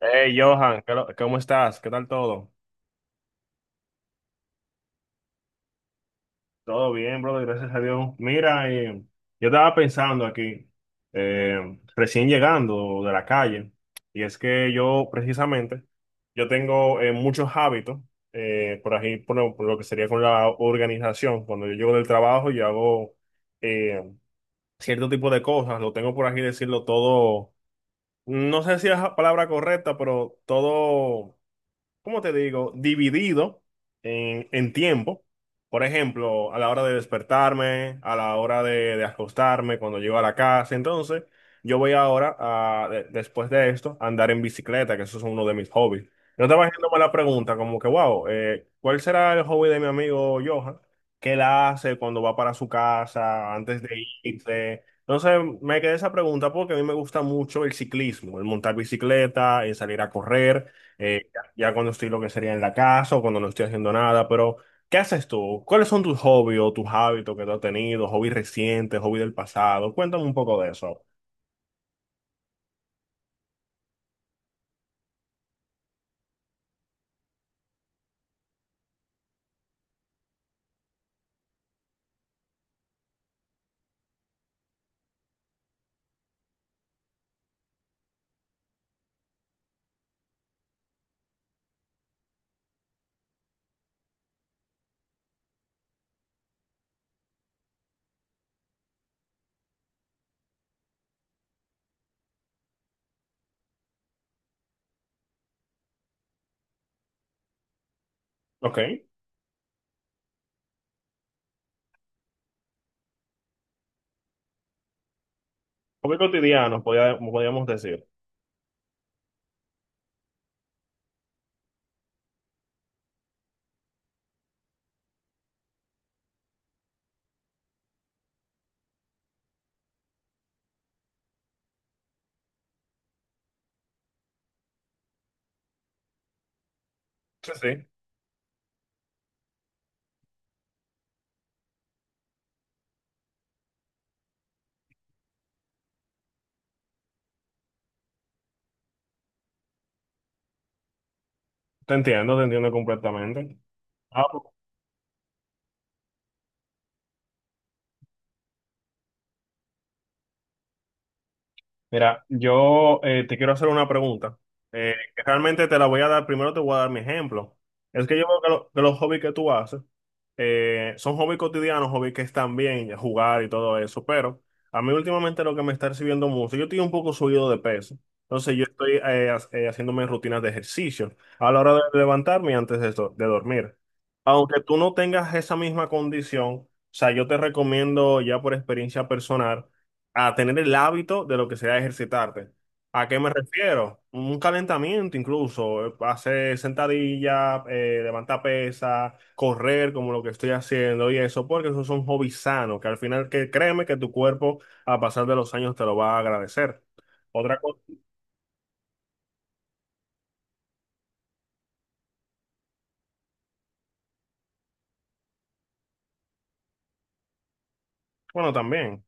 Hey, Johan, ¿cómo estás? ¿Qué tal todo? Todo bien, brother, gracias a Dios. Mira, yo estaba pensando aquí, recién llegando de la calle, y es que yo precisamente, yo tengo muchos hábitos, por ahí, por lo que sería con la organización. Cuando yo llego del trabajo, yo hago eh, cierto tipo de cosas, lo tengo por aquí decirlo todo, no sé si es la palabra correcta, pero todo ¿cómo te digo? Dividido en tiempo. Por ejemplo, a la hora de despertarme, a la hora de acostarme, cuando llego a la casa. Entonces, yo voy ahora, después de esto, a andar en bicicleta, que eso es uno de mis hobbies. Yo estaba haciéndome la pregunta, como que, wow, ¿cuál será el hobby de mi amigo Johan? ¿Qué él hace cuando va para su casa, antes de irse? Entonces me quedé esa pregunta porque a mí me gusta mucho el ciclismo, el montar bicicleta, el salir a correr. eh, ya cuando estoy lo que sería en la casa o cuando no estoy haciendo nada, pero ¿qué haces tú? ¿Cuáles son tus hobbies o tus hábitos que tú has tenido? ¿Hobbies recientes, hobbies del pasado? Cuéntame un poco de eso. Ok, hobbies cotidianos, podríamos decir. Sí, sí, te entiendo completamente. Ah, mira, yo te quiero hacer una pregunta. Que realmente te la voy a dar, primero te voy a dar mi ejemplo. Es que yo veo que, que los hobbies que tú haces son hobbies cotidianos, hobbies que están bien, jugar y todo eso, pero a mí últimamente lo que me está recibiendo mucho, yo estoy un poco subido de peso, entonces yo estoy haciéndome rutinas de ejercicio a la hora de levantarme y antes de dormir. Aunque tú no tengas esa misma condición, o sea, yo te recomiendo ya por experiencia personal a tener el hábito de lo que sea ejercitarte. ¿A qué me refiero? Un calentamiento incluso, hacer sentadilla, levantar pesas, correr como lo que estoy haciendo y eso, porque esos son hobbies sanos, que al final que créeme que tu cuerpo a pasar de los años te lo va a agradecer. Otra cosa, bueno, también.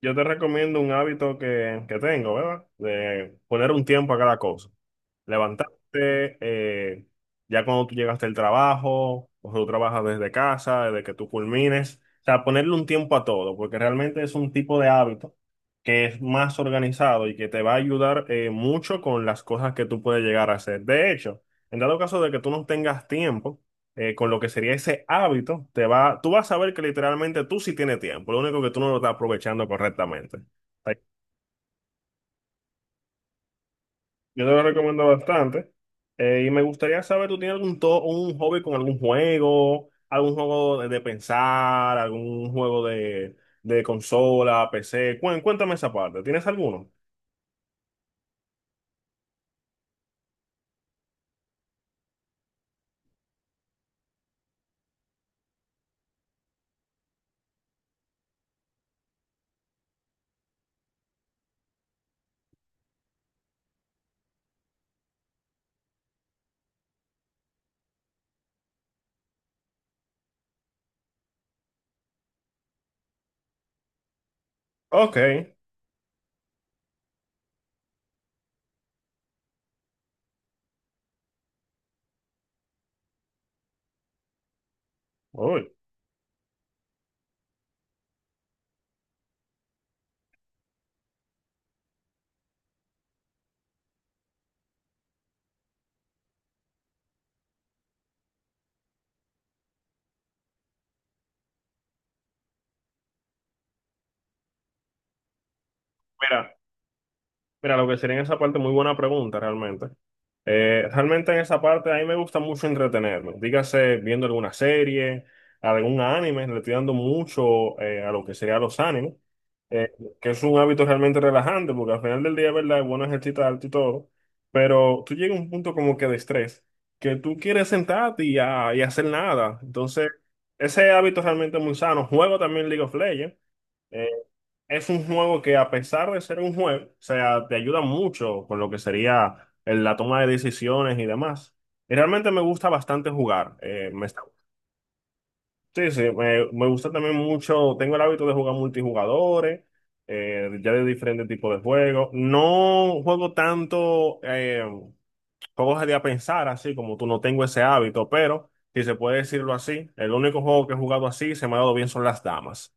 Yo te recomiendo un hábito que tengo, ¿verdad? De poner un tiempo a cada cosa. Levantarte, ya cuando tú llegaste al trabajo, o tú trabajas desde casa, desde que tú culmines. O sea, ponerle un tiempo a todo, porque realmente es un tipo de hábito que es más organizado y que te va a ayudar mucho con las cosas que tú puedes llegar a hacer. De hecho, en dado caso de que tú no tengas tiempo, con lo que sería ese hábito, tú vas a ver que literalmente tú sí tienes tiempo, lo único que tú no lo estás aprovechando correctamente. Ay, yo te lo recomiendo bastante. Y me gustaría saber, ¿tú tienes un hobby con algún juego de pensar, algún juego de consola, PC? Cuéntame esa parte, ¿tienes alguno? Ok, uy, mira, mira, lo que sería en esa parte, muy buena pregunta realmente. Realmente en esa parte a mí me gusta mucho entretenerme. Dígase viendo alguna serie, algún anime, le estoy dando mucho a lo que sería los animes, eh, que es un hábito realmente relajante, porque al final del día, ¿verdad? Es bueno ejercitar alto y todo, pero tú llegas a un punto como que de estrés, que tú quieres sentarte y hacer nada. Entonces, ese hábito realmente es muy sano. Juego también League of Legends. eh, es un juego que a pesar de ser un juego, o sea, te ayuda mucho con lo que sería la toma de decisiones y demás. Y realmente me gusta bastante jugar. Sí, sí, me gusta también mucho, tengo el hábito de jugar multijugadores, ya de diferentes tipos de juegos. No juego tanto juegos de a pensar, así como tú, no tengo ese hábito, pero si se puede decirlo así, el único juego que he jugado así y se me ha dado bien son las damas.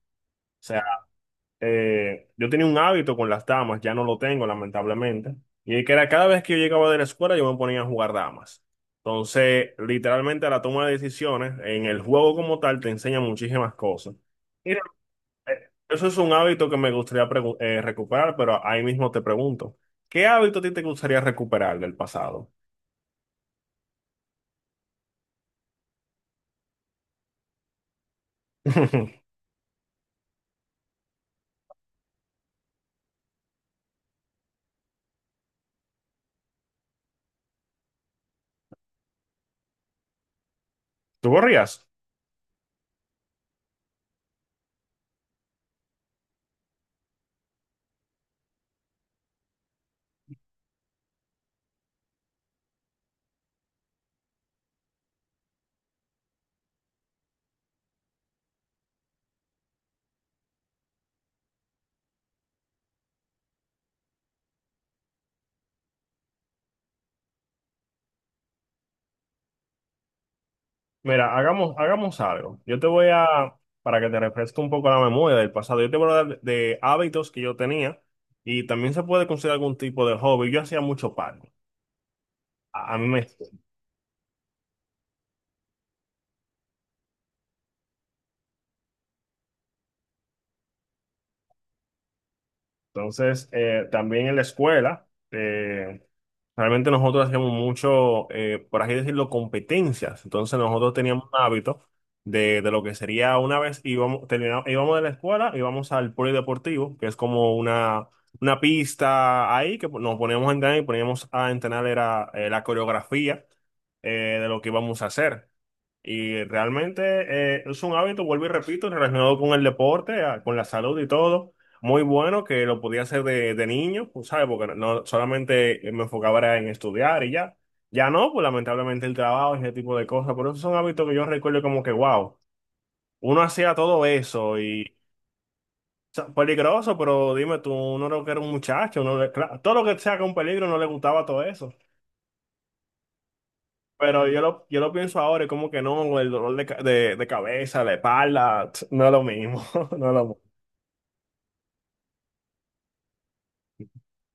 Yo tenía un hábito con las damas, ya no lo tengo, lamentablemente. Y que era cada vez que yo llegaba de la escuela, yo me ponía a jugar damas. Entonces, literalmente a la toma de decisiones, en el juego como tal, te enseña muchísimas cosas. Y no, eso es un hábito que me gustaría recuperar, pero ahí mismo te pregunto, ¿qué hábito a ti te gustaría recuperar del pasado? ¿Tú corrías? Mira, hagamos, hagamos algo. Yo te voy a, para que te refresque un poco la memoria del pasado, yo te voy a hablar de hábitos que yo tenía y también se puede considerar algún tipo de hobby. Yo hacía mucho paddle. A mí me, entonces, también en la escuela, realmente nosotros hacíamos mucho, por así decirlo, competencias. Entonces, nosotros teníamos un hábito de lo que sería una vez íbamos, terminamos, íbamos de la escuela, íbamos al polideportivo, que es como una pista ahí que nos poníamos a entrenar y poníamos a entrenar era, la coreografía de lo que íbamos a hacer. Y realmente es un hábito, vuelvo y repito, relacionado con el deporte, con la salud y todo muy bueno que lo podía hacer de niño, pues, ¿sabes? Porque no no, solamente me enfocaba era en estudiar y ya. Ya no, pues lamentablemente el trabajo y ese tipo de cosas. Pero esos son hábitos que yo recuerdo como que, wow, uno hacía todo eso y o sea, peligroso, pero dime tú, uno era que era un muchacho, claro, todo lo que sea con peligro no le gustaba todo eso. Pero yo lo pienso ahora y como que no, el dolor de cabeza, la espalda, no es lo mismo, no es lo mismo.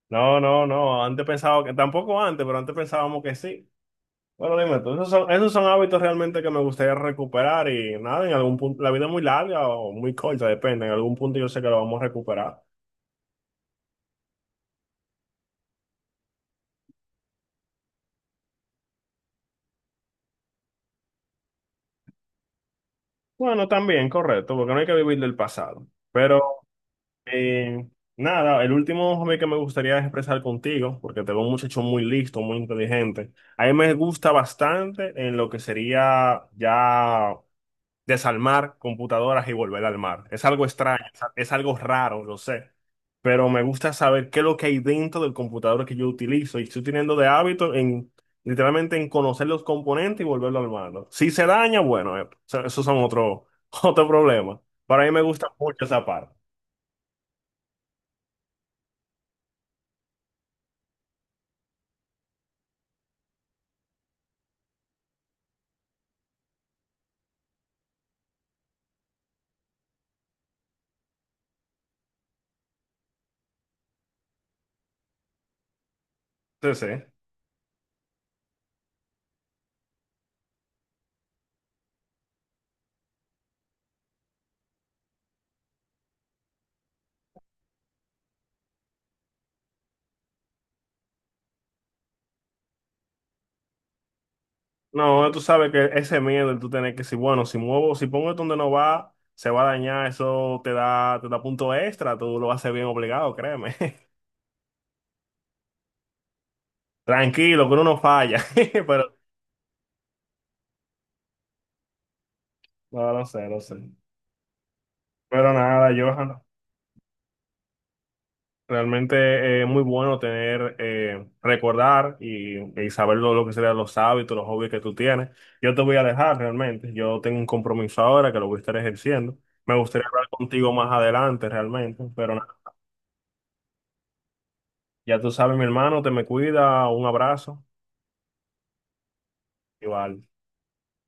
No, no, no, antes pensaba que, tampoco antes, pero antes pensábamos que sí. Bueno, dime tú, esos son hábitos realmente que me gustaría recuperar y nada, en algún punto, la vida es muy larga o muy corta, depende, en algún punto yo sé que lo vamos a recuperar. Bueno, también, correcto, porque no hay que vivir del pasado. Pero eh, nada, el último hobby que me gustaría expresar contigo, porque te veo un muchacho muy listo, muy inteligente. A mí me gusta bastante en lo que sería ya desarmar computadoras y volver a armar. Es algo extraño, es algo raro, lo sé, pero me gusta saber qué es lo que hay dentro del computador que yo utilizo y estoy teniendo de hábito en literalmente en conocer los componentes y volverlo a armarlo. Si se daña, bueno, esos son otro, otro problema. Para mí me gusta mucho esa parte. Sí, sí. No, tú sabes que ese miedo de tú tener que decir, bueno, si muevo, si pongo esto donde no va, se va a dañar, te da punto extra, tú lo haces bien obligado, créeme. Tranquilo, que uno no falla, pero no, no sé, no sé. Pero nada, Johan, realmente es muy bueno tener, recordar y saber lo que serían los hábitos, los hobbies que tú tienes. Yo te voy a dejar realmente, yo tengo un compromiso ahora que lo voy a estar ejerciendo. Me gustaría hablar contigo más adelante realmente, pero nada, ya tú sabes, mi hermano, te me cuida, un abrazo, igual.